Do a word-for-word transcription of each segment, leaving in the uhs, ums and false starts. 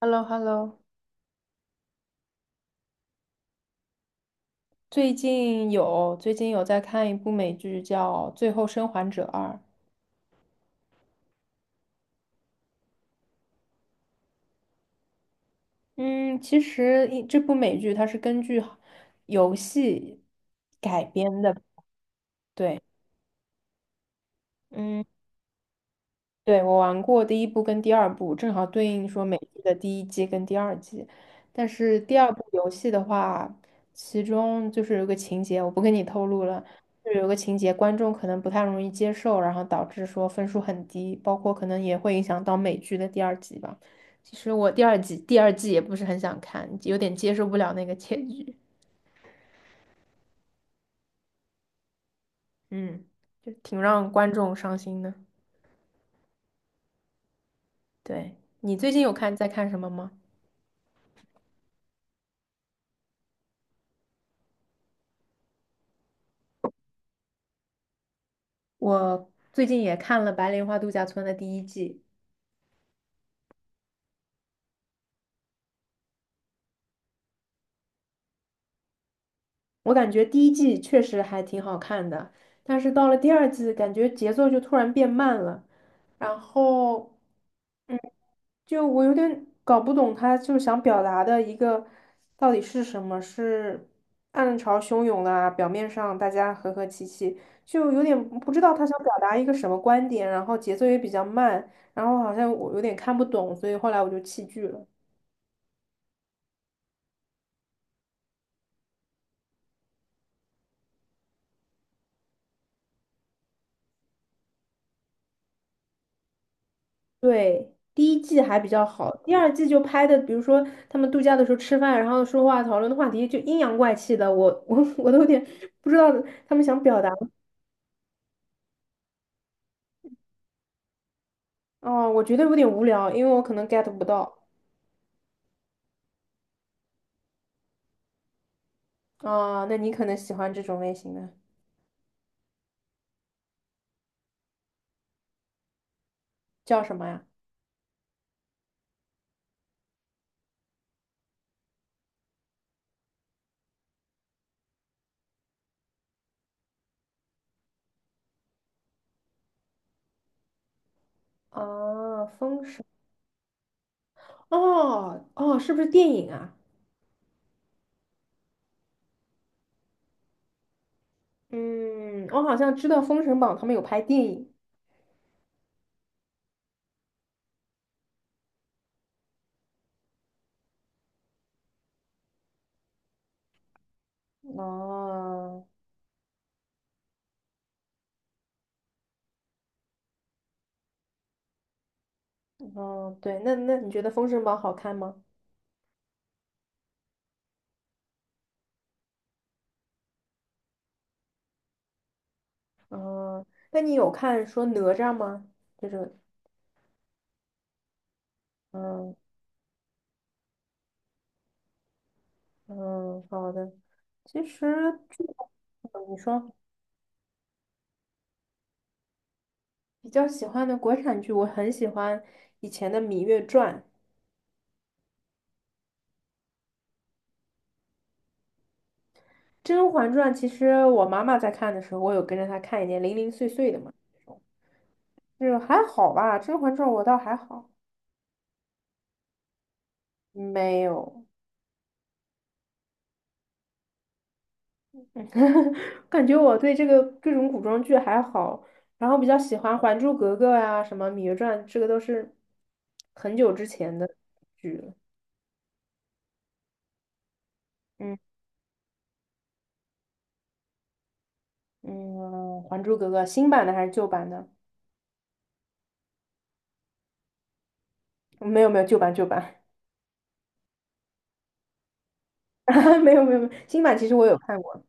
h e l l o hello。 最近有最近有在看一部美剧叫《最后生还者二》。嗯，其实一这部美剧它是根据游戏改编的，对。嗯。对，我玩过第一部跟第二部，正好对应说美剧的第一季跟第二季。但是第二部游戏的话，其中就是有个情节，我不跟你透露了，就是有个情节观众可能不太容易接受，然后导致说分数很低，包括可能也会影响到美剧的第二季吧。其实我第二季第二季也不是很想看，有点接受不了那个结局，嗯，就挺让观众伤心的。对，你最近有看在看什么吗？我最近也看了《白莲花度假村》的第一季，我感觉第一季确实还挺好看的，但是到了第二季，感觉节奏就突然变慢了，然后，嗯，就我有点搞不懂他就想表达的一个到底是什么，是暗潮汹涌啊？表面上大家和和气气，就有点不知道他想表达一个什么观点，然后节奏也比较慢，然后好像我有点看不懂，所以后来我就弃剧了。对，第一季还比较好，第二季就拍的，比如说他们度假的时候吃饭，然后说话讨论的话题就阴阳怪气的，我我 我都有点不知道他们想表达。哦，我觉得有点无聊，因为我可能 get 不到。啊，那你可能喜欢这种类型的，叫什么呀？啊，封神。哦哦，是不是电影啊？嗯，我好像知道《封神榜》他们有拍电影。哦，哦，对，那那你觉得《封神榜》好看吗？嗯，那你有看说哪吒吗？这种，嗯嗯，好的。其实剧嗯你说比较喜欢的国产剧，我很喜欢以前的《芈月传》《甄嬛传》。其实我妈妈在看的时候，我有跟着她看一点零零碎碎的嘛，这种就是还好吧，《甄嬛传》我倒还好，没有。感觉我对这个各种古装剧还好，然后比较喜欢《还珠格格》呀、什么《芈月传》，这个都是很久之前的剧了。嗯嗯，《还珠格格》新版的还是旧版的？没有没有，旧版旧版，没有没有没有，新版其实我有看过。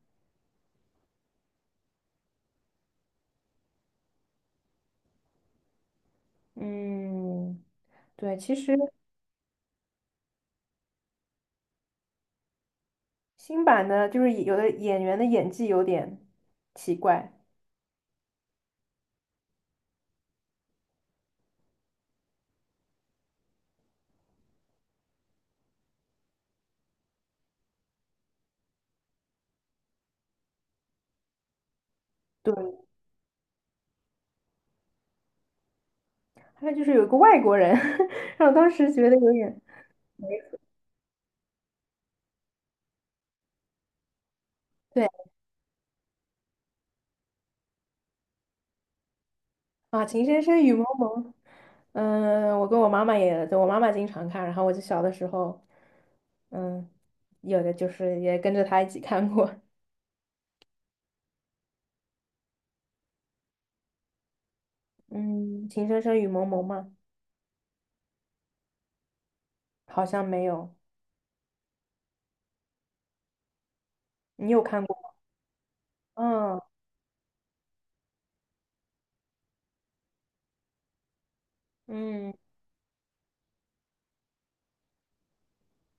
嗯，对，其实新版的就是有的演员的演技有点奇怪，对，还有就是有一个外国人，让我当时觉得有点。对。啊，《情深深雨蒙蒙》，嗯，我跟我妈妈也，就我妈妈经常看，然后我就小的时候，嗯，有的就是也跟着她一起看过，嗯，《情深深雨蒙蒙》吗？好像没有，你有看过吗？嗯嗯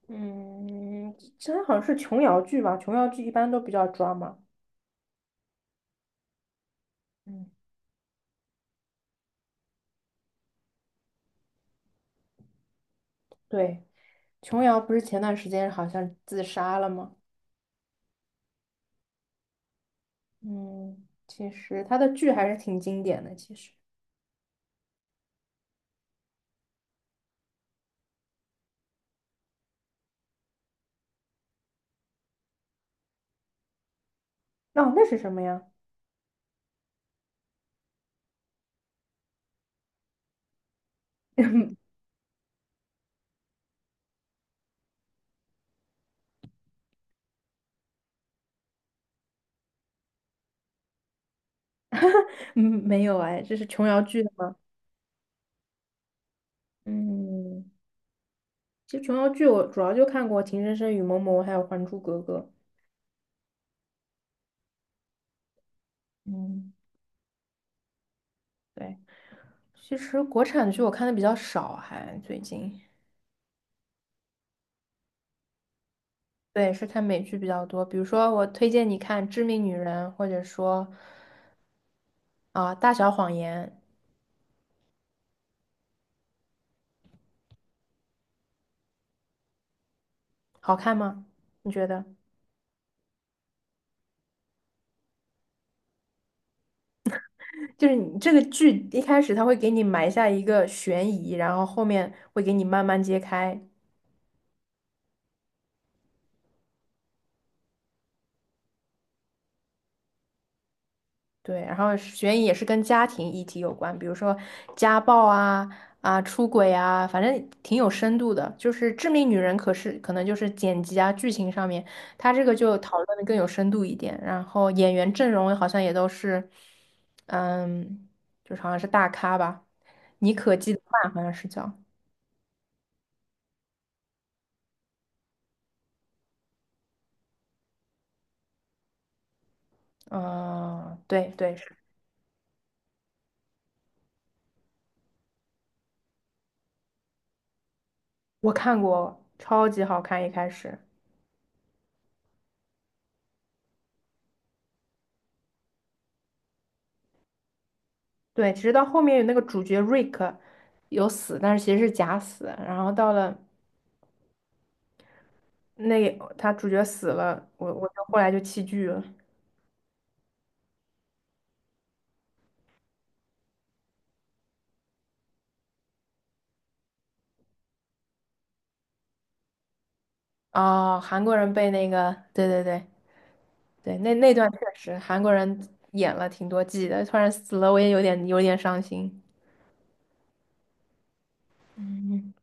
嗯，这好像是琼瑶剧吧？琼瑶剧一般都比较抓嘛。嗯，对，琼瑶不是前段时间好像自杀了吗？嗯，其实她的剧还是挺经典的，其实。哦，那是什么呀？嗯，没有哎，这是琼瑶剧的吗？嗯，其实琼瑶剧我主要就看过《情深深雨蒙蒙》还有《还珠格格》。嗯，对，其实国产剧我看的比较少，还最近，对，是看美剧比较多。比如说，我推荐你看《致命女人》，或者说啊、大小谎言》，好看吗？你觉得？就是你这个剧一开始它会给你埋下一个悬疑，然后后面会给你慢慢揭开，对，然后悬疑也是跟家庭议题有关，比如说家暴啊、啊出轨啊，反正挺有深度的。就是《致命女人》，可是可能就是剪辑啊、剧情上面，它这个就讨论的更有深度一点。然后演员阵容好像也都是，嗯，就是好像是大咖吧，妮可基德曼好像是叫，嗯、对对，是我看过，超级好看，一开始。对，其实到后面有那个主角瑞克有死，但是其实是假死。然后到了那他主角死了，我我就后来就弃剧了。哦，韩国人被那个，对对对对，那那段确实韩国人演了挺多季的，突然死了，我也有点有点伤心。嗯，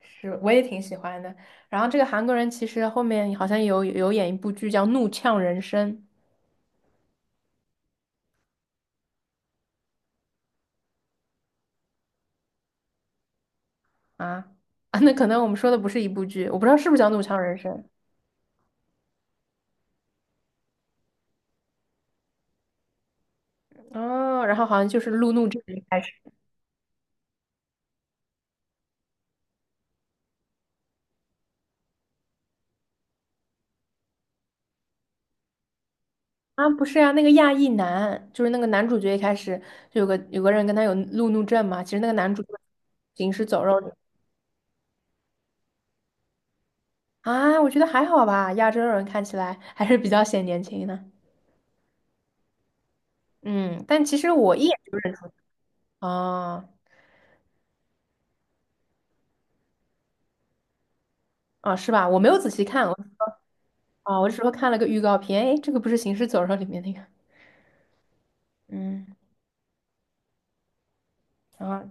是，我也挺喜欢的。然后这个韩国人其实后面好像有有演一部剧叫《怒呛人生》啊啊，那可能我们说的不是一部剧，我不知道是不是叫《怒呛人生》。哦，然后好像就是路怒症一开始啊，不是呀，那个亚裔男，就是那个男主角一开始就有个有个人跟他有路怒症嘛，其实那个男主就是行尸走肉啊，我觉得还好吧，亚洲人看起来还是比较显年轻的，嗯，但其实我一眼就认出来哦哦是吧？我没有仔细看，我啊，我只是说看了个预告片，诶，这个不是行尸走肉里面那个，嗯，啊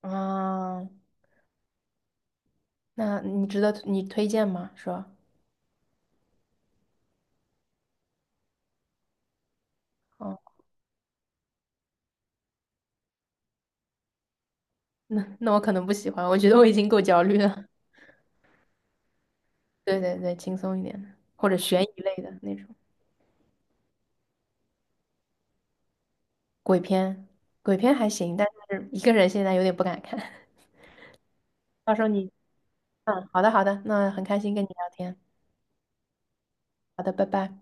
啊，哦那你值得你推荐吗？是吧？哦，那那我可能不喜欢，我觉得我已经够焦虑了。对对对，轻松一点的，或者悬疑类的那种鬼片，鬼片还行，但是一个人现在有点不敢看。到时候你，嗯，好的好的，那很开心跟你聊天，好的，拜拜。